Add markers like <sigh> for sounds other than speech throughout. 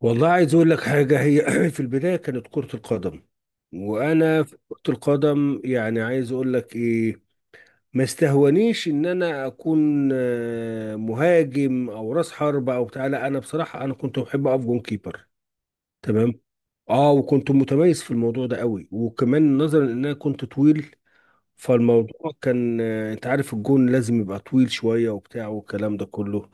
والله، عايز اقول لك حاجه. هي <clears throat> في البدايه كانت كره القدم. وانا في كره القدم يعني عايز اقول لك ايه؟ ما استهونيش ان انا اكون مهاجم او راس حربة او بتاع. لا، انا بصراحه انا كنت بحب اقف جون كيبر. تمام. اه، وكنت متميز في الموضوع ده قوي، وكمان نظرا ان انا كنت طويل. فالموضوع كان انت عارف الجون لازم يبقى طويل شويه وبتاع والكلام ده كله.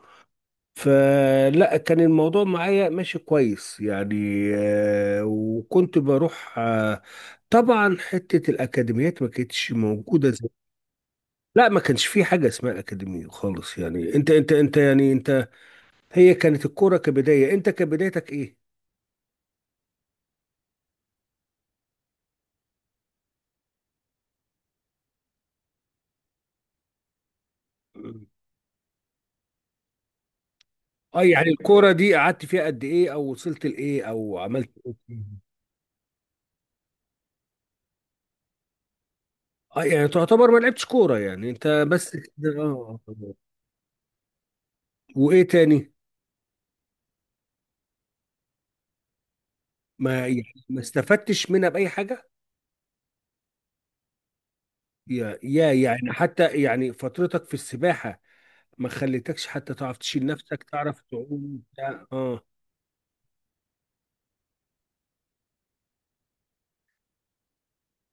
فلا كان الموضوع معايا ماشي كويس يعني. وكنت بروح طبعا حتة الأكاديميات ما كانتش موجودة زي. لا، ما كانش في حاجة اسمها أكاديمية خالص. يعني انت يعني انت، هي كانت الكورة كبداية، انت كبدايتك ايه؟ اه، يعني الكورة دي قعدت فيها قد ايه، او وصلت لايه، او عملت ايه فيها؟ اه، يعني تعتبر ما لعبتش كورة يعني انت بس كده، اه. آه. آه. وايه تاني؟ ما يعني، ما استفدتش منها بأي حاجة؟ يا يعني حتى يعني فترتك في السباحة ما خليتكش حتى تعرف تشيل نفسك، تعرف تعوم بتاع. اه.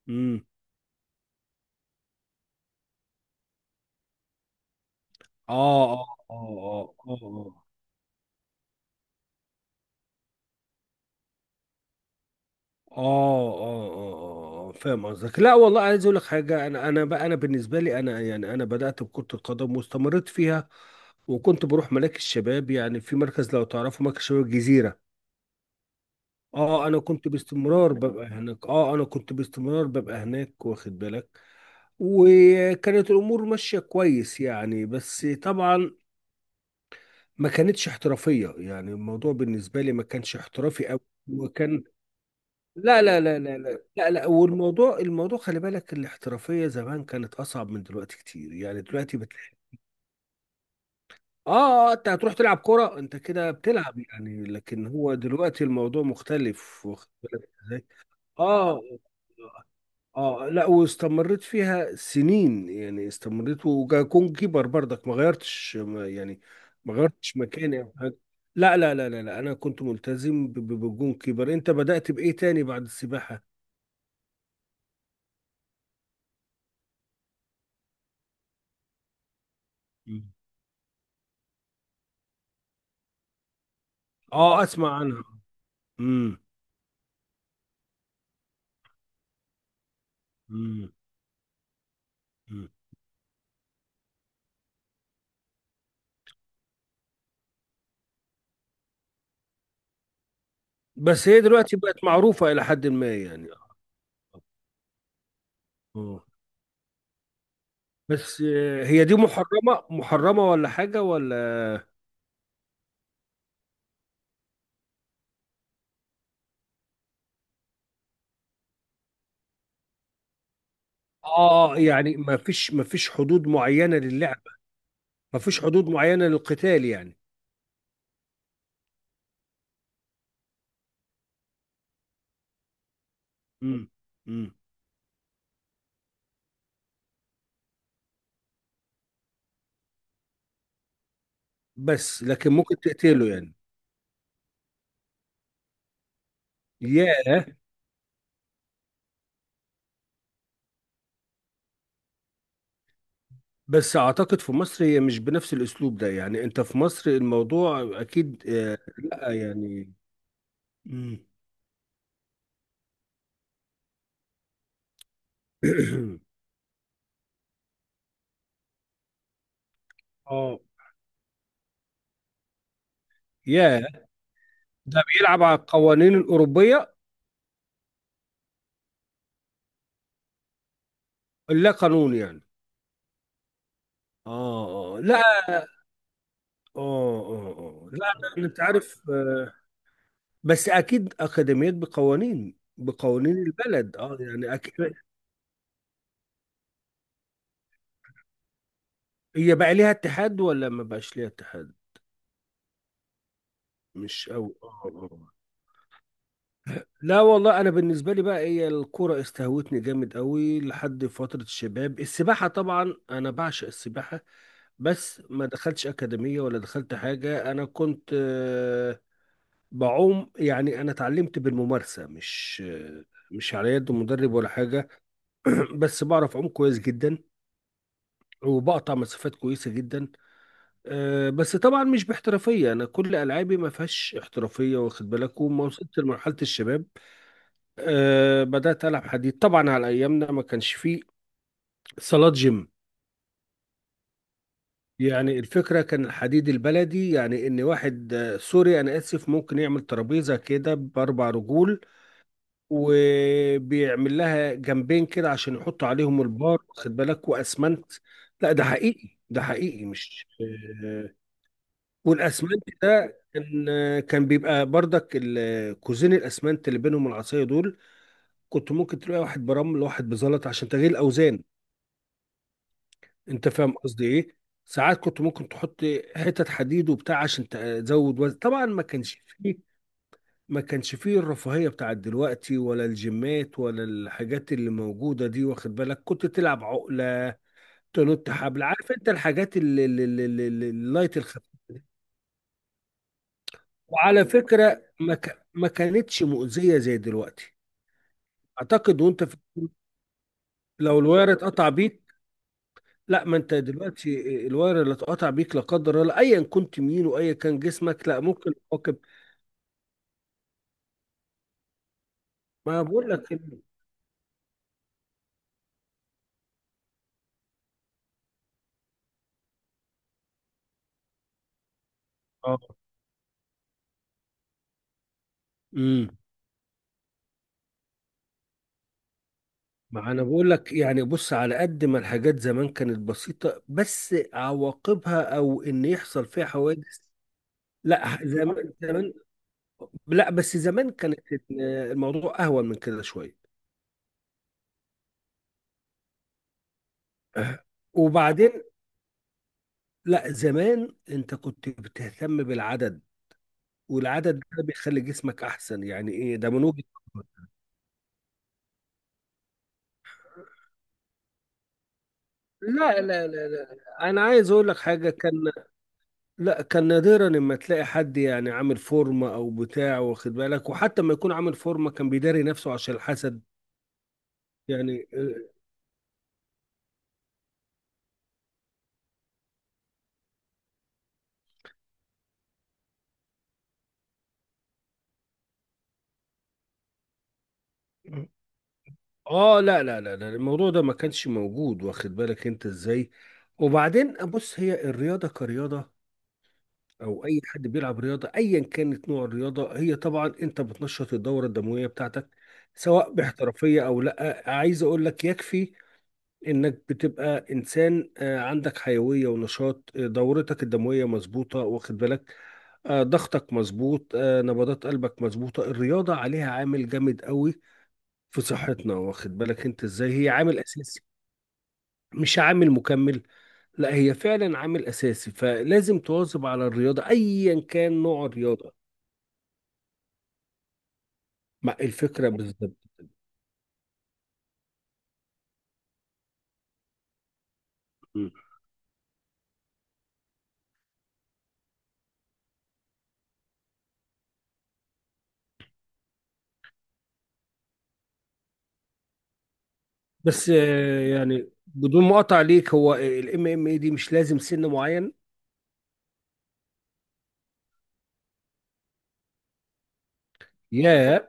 امم. اه اه اه. اه اه اه. اه اه فاهم قصدك. لا والله عايز اقول لك حاجة. انا بقى انا بالنسبة لي انا يعني انا بدأت بكرة القدم واستمرت فيها. وكنت بروح ملاك الشباب، يعني في مركز، لو تعرفوا مركز شباب الجزيرة. اه انا كنت باستمرار ببقى هناك. اه انا كنت باستمرار ببقى هناك، واخد بالك. وكانت الامور ماشيه كويس يعني، بس طبعا ما كانتش احترافيه. يعني الموضوع بالنسبه لي ما كانش احترافي قوي. وكان لا لا لا لا لا لا لا، والموضوع، خلي بالك الاحترافيه زمان كانت اصعب من دلوقتي كتير. يعني دلوقتي بتلاقي اه انت هتروح تلعب كرة، انت كده بتلعب يعني، لكن هو دلوقتي الموضوع مختلف، واخد بالك ازاي. اه آه. آه. اه لا، واستمريت فيها سنين يعني. استمريت وكون كيبر برضك ما غيرتش، ما يعني ما غيرتش مكاني او حاجه. لا لا لا لا لا، انا كنت ملتزم بالجون كيبر. انت بدأت بايه تاني بعد السباحه؟ مم. اه، اسمع عنها. امم. امم. أمم. بس هي دلوقتي بقت معروفه الى حد ما يعني. اه، بس هي دي محرمه محرمه ولا حاجه ولا؟ اه يعني ما فيش حدود معينه للعبه. ما فيش حدود معينه للقتال يعني. مم. مم. بس لكن ممكن تقتله يعني. ياه. بس اعتقد في مصر هي مش بنفس الاسلوب ده. يعني انت في مصر الموضوع اكيد آه لا يعني. مم. <clears throat> اه. ياه. ده بيلعب على القوانين الاوروبيه. لا قانون يعني. اه آه. لا. اه اه آه. لا أنا- انت عارف بس اكيد اكاديميات بقوانين، البلد اه يعني أكيد. هي بقى ليها اتحاد ولا ما بقاش ليها اتحاد؟ مش قوي. اه آه. لا والله انا بالنسبه لي بقى هي الكوره استهوتني جامد قوي لحد فتره الشباب. السباحه طبعا انا بعشق السباحه، بس ما دخلتش اكاديميه ولا دخلت حاجه. انا كنت بعوم يعني. انا اتعلمت بالممارسه، مش مش على يد مدرب ولا حاجه. <clears throat> بس بعرف اعوم كويس جدا، وبقطع مسافات كويسه جدا. بس طبعا مش باحترافيه. انا كل العابي ما فيهاش احترافيه، واخد بالك. وما وصلت لمرحله الشباب أه بدأت ألعب حديد. طبعا على أيامنا ما كانش فيه صالات جيم. يعني الفكرة كان الحديد البلدي. يعني إن واحد سوري أنا آسف، ممكن يعمل ترابيزة كده بأربع رجول. وبيعمل لها جنبين كده عشان يحط عليهم البار، واخد بالك، وأسمنت. لا ده حقيقي، ده حقيقي مش أه. والأسمنت ده كان بيبقى بردك ال- كوزين الأسمنت اللي بينهم العصاية دول. كنت ممكن تلاقي واحد برمل وواحد بزلط عشان تغيير الأوزان. انت فاهم قصدي ايه. ساعات كنت ممكن تحط حتت حديد وبتاع عشان تزود وزن. طبعا ما كانش فيه، الرفاهية بتاعت دلوقتي ولا الجيمات ولا الحاجات اللي موجودة دي، واخد بالك. كنت تلعب عقلة، تنط حبل، عارف انت الحاجات اللايت الخفيفة دي. وعلى فكرة ما كانتش مؤذية زي دلوقتي. اعتقد وانت في لو الواير اتقطع بيك. لا ما انت دلوقتي، الواير اللي اتقطع بيك لا قدر الله ايا كنت مين وايا كان جسمك، لا ممكن تواكب. ما انا بقول لك ال- اه. امم. ما انا بقول لك يعني بص، على قد ما الحاجات زمان كانت بسيطة، بس عواقبها او ان يحصل فيها حوادث. لا زمان زمان. لا بس زمان كانت الموضوع اهون من كده شوية. آه. وبعدين، لا زمان انت كنت بتهتم بالعدد، والعدد ده بيخلي جسمك احسن. يعني ايه ده من وجهة. لا لا لا لا، انا عايز اقول لك حاجه. كان لا، كان نادرا اما تلاقي حد يعني عامل فورمه او بتاع، واخد بالك. وحتى ما يكون عامل فورمه كان بيداري نفسه عشان الحسد يعني. اه لا لا لا لا الموضوع ده ما كانش موجود، واخد بالك انت ازاي. وبعدين بص، هي الرياضه كرياضه، او اي حد بيلعب رياضه ايا كانت نوع الرياضه، هي طبعا انت بتنشط الدوره الدمويه بتاعتك سواء باحترافيه او لا. عايز اقول لك يكفي انك بتبقى انسان عندك حيويه ونشاط، دورتك الدمويه مظبوطه، واخد بالك. ضغطك مظبوط، نبضات قلبك مظبوطه. الرياضه عليها عامل جامد قوي في صحتنا، واخد بالك انت ازاي. هي عامل اساسي مش عامل مكمل. لا هي فعلا عامل اساسي، فلازم تواظب على الرياضه ايا كان نوع الرياضه. مع الفكره بالظبط. م. بس يعني بدون مقاطعه ليك، هو الام ام اي دي مش لازم سن معين. ياه.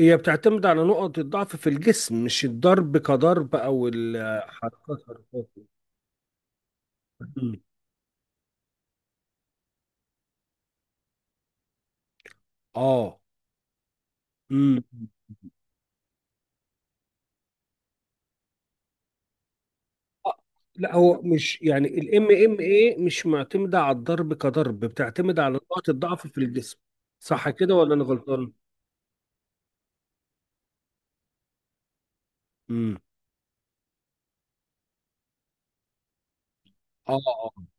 هي بتعتمد على نقط الضعف في الجسم مش الضرب كضرب، او الحركات حركات. مم. اه. امم. لا هو مش يعني الام ام اي مش معتمده على الضرب كضرب، بتعتمد على نقط الضعف في الجسم. صح كده ولا انا غلطان؟ امم. اه آه.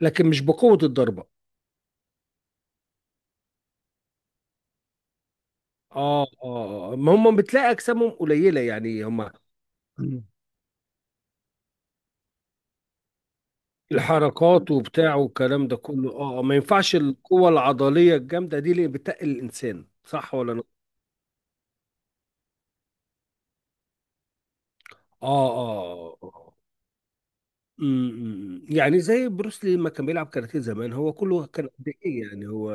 لكن مش بقوه الضربه. اه اه آه. ما هم بتلاقي اجسامهم قليله يعني. هم الحركات وبتاع والكلام ده كله اه ما ينفعش القوة العضلية الجامدة دي اللي بتقل الإنسان، صح ولا لا؟ اه اه آه. أمم. يعني زي بروس لي لما كان بيلعب كاراتيه زمان، هو كله كان قد ايه يعني هو.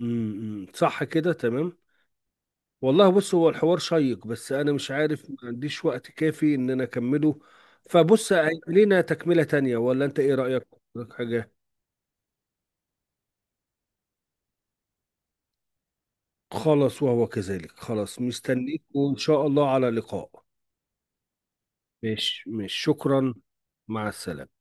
أمم. صح كده، تمام. والله بص، هو الحوار شيق بس انا مش عارف، ما عنديش وقت كافي ان انا اكمله. فبص هيبقى لينا تكملة تانية، ولا انت ايه رأيك؟ حاجة. خلاص وهو كذلك، خلاص مستنيك وان شاء الله على لقاء. مش شكرا. مع السلامة.